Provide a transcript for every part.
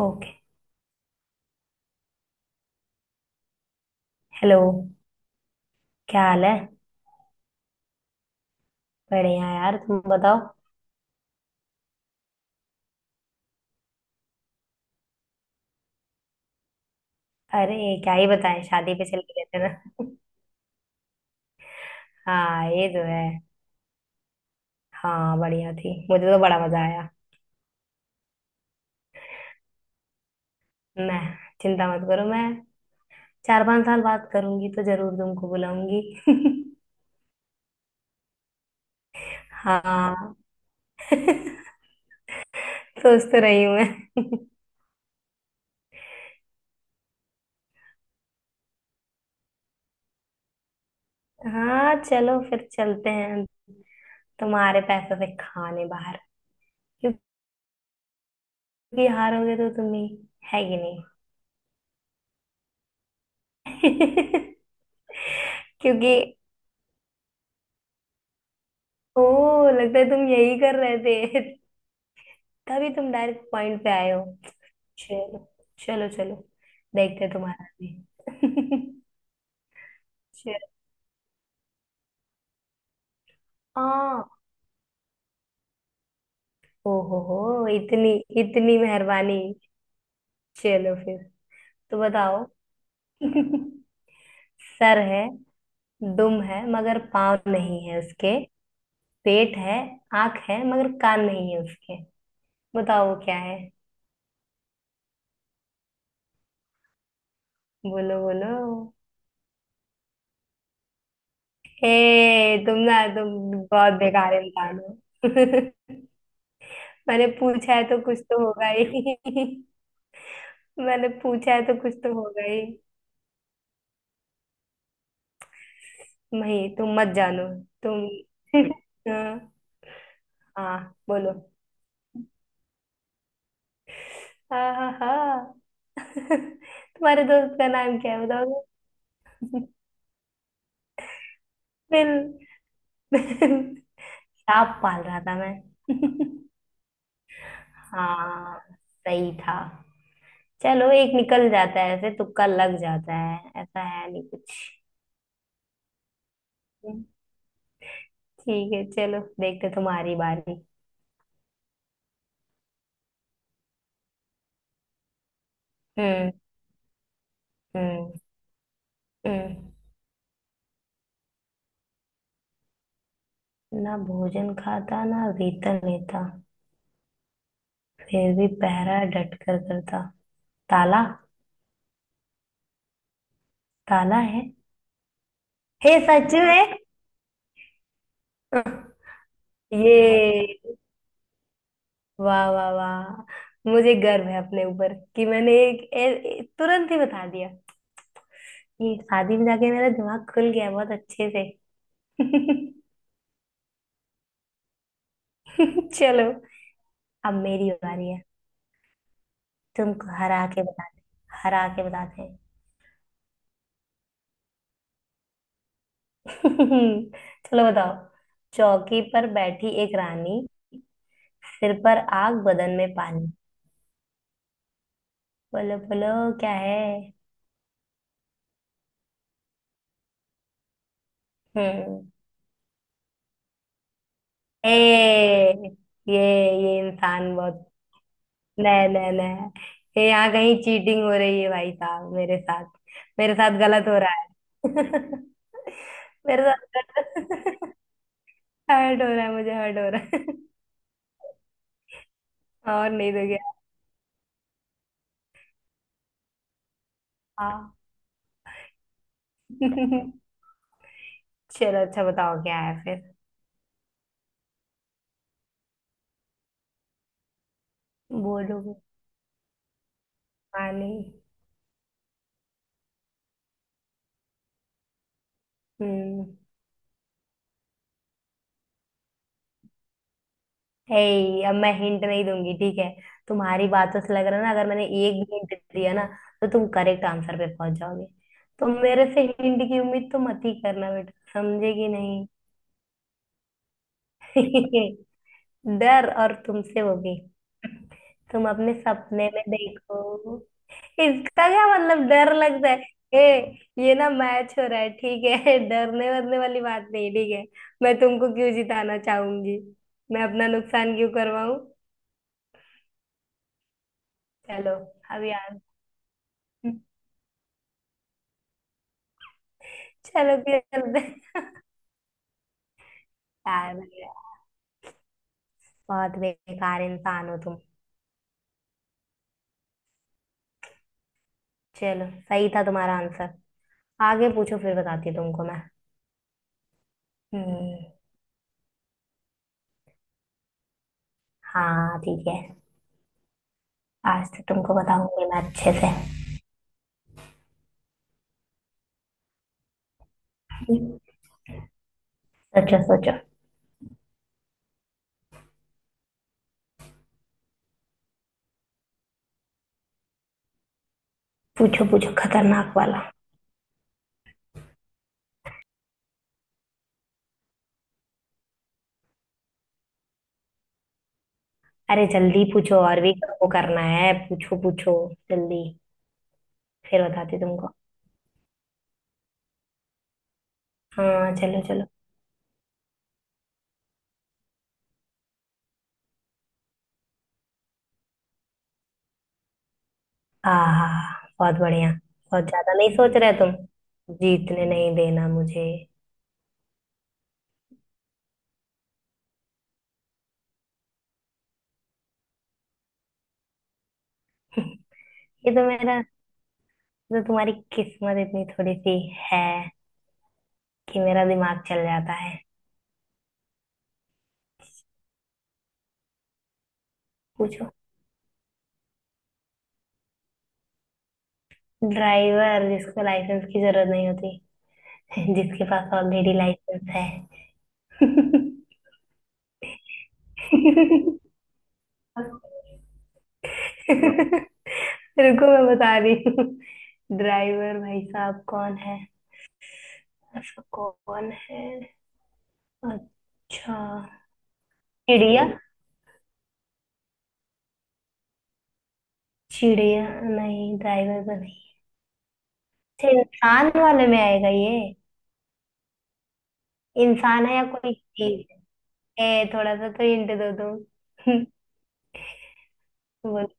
Okay. Hello. क्या हाल है। बढ़िया यार, तुम बताओ। अरे, क्या ही बताएं, शादी पे चले गए थे ना। हाँ ये तो है। हाँ बढ़िया थी, मुझे तो बड़ा मजा आया। मैं? चिंता मत करो, मैं चार पांच साल बात करूंगी तो जरूर तुमको बुलाऊंगी। हाँ। सोच तो रही हूँ मैं। हाँ चलो फिर चलते हैं। तुम्हारे पैसों से खाने बाहर। क्योंकि हारोगे तो तुम ही। है कि नहीं। क्योंकि ओह लगता है तुम यही कर रहे थे। तभी तुम डायरेक्ट पॉइंट पे आए हो। चलो। चलो चलो। देखते हैं तुम्हारा भी। चलो। हाँ। ओहो हो, इतनी इतनी मेहरबानी। चलो फिर, तो बताओ। सर है, दुम है मगर पाँव नहीं है उसके। पेट है, आंख है मगर कान नहीं है उसके। बताओ वो क्या है। बोलो बोलो। ए तुम ना तुम बहुत बेकार इंसान हो। मैंने पूछा है तो कुछ तो होगा ही। मैंने पूछा है तो कुछ तो होगा ही। नहीं, तुम मत जानो तुम। हाँ। हाँ, बोलो। हाँ हाँ हाँ। तुम्हारे दोस्त का नाम क्या है, बताओगे। बिल। बिल। सांप पाल रहा था मैं। हाँ सही था। चलो एक निकल जाता है ऐसे, तुक्का लग जाता है, ऐसा है नहीं कुछ। ठीक है चलो, देखते तुम्हारी बारी। हम्म। हम्म। हम्म। ना भोजन खाता, ना वेतन लेता, फिर भी पहरा डट कर करता। ताला। ताला है। हे, सच में। ये, वाह वाह वाह, मुझे गर्व है अपने ऊपर कि मैंने तुरंत ही बता दिया। ये शादी में जाके मेरा दिमाग खुल गया बहुत अच्छे से। चलो। अब मेरी बारी है। तुमको हरा के बताते हैं। चलो बताओ। चौकी पर बैठी एक रानी, सिर पर आग बदन में पानी। बोलो बोलो। क्या है। हम्म। ए, ये ये इंसान बहुत, नहीं नहीं नहीं, ये यहाँ कहीं चीटिंग हो रही है भाई साहब मेरे साथ। मेरे साथ गलत हो रहा है। मेरे साथ गलत, हर्ट हो रहा है। मुझे हर्ट हो रहा है। और नहीं तो क्या। हाँ। चलो अच्छा बताओ क्या है फिर। बोलो। पानी। हम्म। हे, अब मैं हिंट नहीं दूंगी ठीक है। तुम्हारी बातों से लग रहा है ना, अगर मैंने एक भी हिंट दिया ना तो तुम करेक्ट आंसर पे पहुंच जाओगे। तो मेरे से हिंट की उम्मीद तो मत ही करना बेटा, समझे कि नहीं। डर, और तुमसे, वो भी। तुम अपने सपने में देखो। इसका क्या मतलब डर लगता है। ए ये ना मैच हो रहा है ठीक है। डरने वरने वाली बात नहीं ठीक है। मैं तुमको क्यों जिताना चाहूंगी, मैं अपना नुकसान क्यों करवाऊं। चलो। अब यार चलो खेलते हैं। यार भैया, बहुत बेकार इंसान हो तुम। चलो सही था तुम्हारा आंसर। आगे पूछो, फिर बताती हूँ तुमको मैं। हम्म। हाँ ठीक है। आज तो तुमको बताऊंगी मैं अच्छे से। सोचो सोचो। पूछो पूछो खतरनाक वाला। अरे जल्दी पूछो और भी। वो करना है, पूछो पूछो। जल्दी। फिर बताती हूँ तुमको। हाँ चलो चलो। हाँ, बहुत बढ़िया, बहुत ज्यादा नहीं सोच रहे तुम। जीतने नहीं देना मुझे। ये, तो मेरा तो तुम्हारी किस्मत इतनी थोड़ी सी है कि मेरा दिमाग चल जाता है। पूछो। ड्राइवर जिसको लाइसेंस की जरूरत नहीं होती। जिसके पास ऑलरेडी लाइसेंस है। रुको मैं बता रही हूँ। ड्राइवर भाई साहब कौन है, ऐसा कौन है। अच्छा। चिड़िया। चिड़िया नहीं ड्राइवर तो नहीं। अच्छा, इंसान वाले में आएगा ये। इंसान है या कोई चीज है। ए, थोड़ा सा तो हिंट दो तुम। बोल।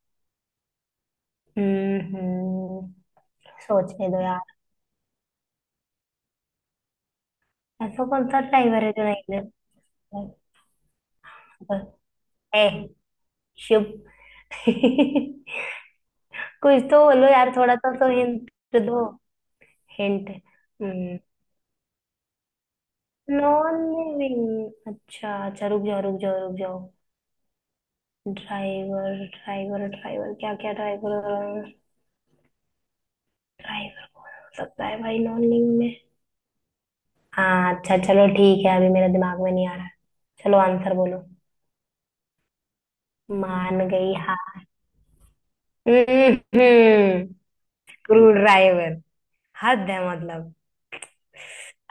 हम्म। सोचने दो यार। ऐसा कौन सा ड्राइवर है जो नहीं दे सकता? ए। शिव। कुछ तो बोलो यार, थोड़ा सा तो हिंट दो। हिंट, नॉन लिविंग, अच्छा अच्छा रुक जाओ रुक जाओ रुक जाओ। ड्राइवर ड्राइवर ड्राइवर, क्या क्या ड्राइवर, ड्राइवर कौन हो सकता है भाई नॉन लिविंग में। हाँ अच्छा चलो ठीक है, अभी मेरे दिमाग में नहीं आ रहा है। चलो आंसर बोलो। मान गई, हाँ। Screw driver. हद है मतलब।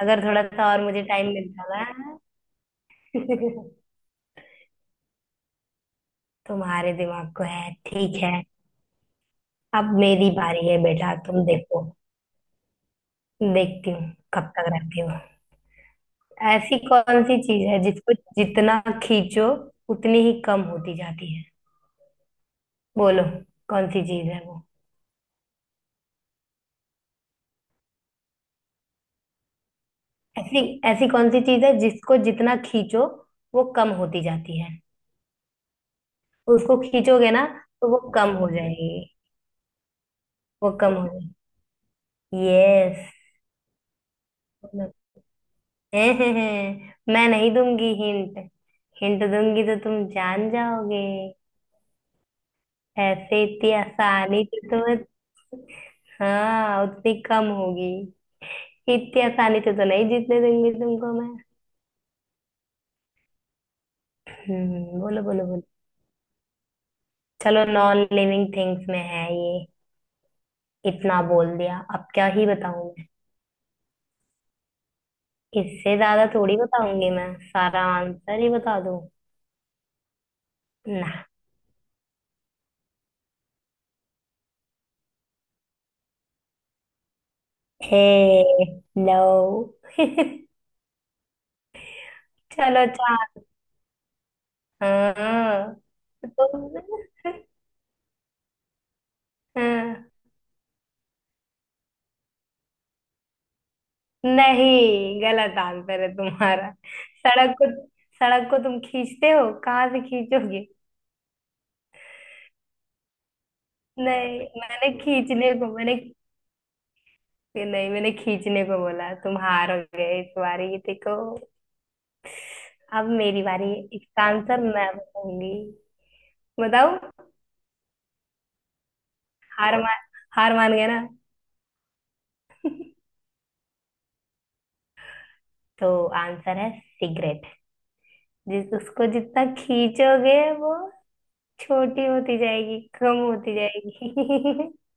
अगर थोड़ा सा और मुझे टाइम मिलता ना। तुम्हारे दिमाग को है ठीक है। अब मेरी बारी है बेटा, तुम देखो। देखती हूँ कब तक रहती हो। ऐसी कौन सी चीज है जिसको जितना खींचो, उतनी ही कम होती जाती है। बोलो, कौन सी चीज है वो। ऐसी ऐसी कौन सी चीज है जिसको जितना खींचो वो कम होती जाती है। उसको खींचोगे ना तो वो कम हो जाएगी। वो कम हो जाएगी। यस। मैं नहीं दूंगी हिंट, हिंट दूंगी तो तुम जान जाओगे। ऐसे इतनी आसानी से तुम्हें, हाँ उतनी कम होगी, इतनी आसानी से तो नहीं जीतने दूंगी तुमको मैं। बोलो बोलो बोलो। चलो, नॉन लिविंग थिंग्स में है ये। इतना बोल दिया अब क्या ही बताऊं, इससे ज्यादा थोड़ी बताऊंगी मैं, सारा आंसर ही बता दूं। ना। ए। लो। चलो चार। हाँ। तुम। हाँ, नहीं गलत आंसर है तुम्हारा। सड़क को, सड़क को तुम खींचते हो कहाँ से खींचोगे। नहीं मैंने खींचने को मैंने नहीं मैंने खींचने को बोला, तुम हार गए इस बारी, देखो। अब मेरी बारी है। इसका आंसर मैं बताऊंगी। बताओ। हार मान हार मान गए ना। तो आंसर है सिगरेट। जिस उसको जितना खींचोगे वो छोटी होती जाएगी, कम होती जाएगी।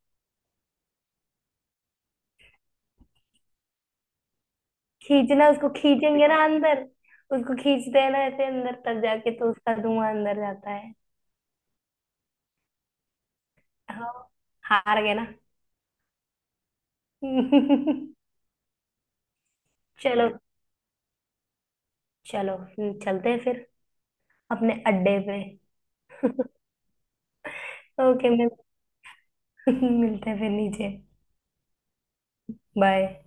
खींचना, उसको खींचेंगे ना अंदर, उसको खींचते हैं ना ऐसे अंदर तक जाके, तो उसका धुआं अंदर जाता है। हाँ। हार गए ना। चलो चलो। चलते हैं फिर अपने अड्डे पे। ओके मिल। मिलते हैं फिर नीचे। बाय।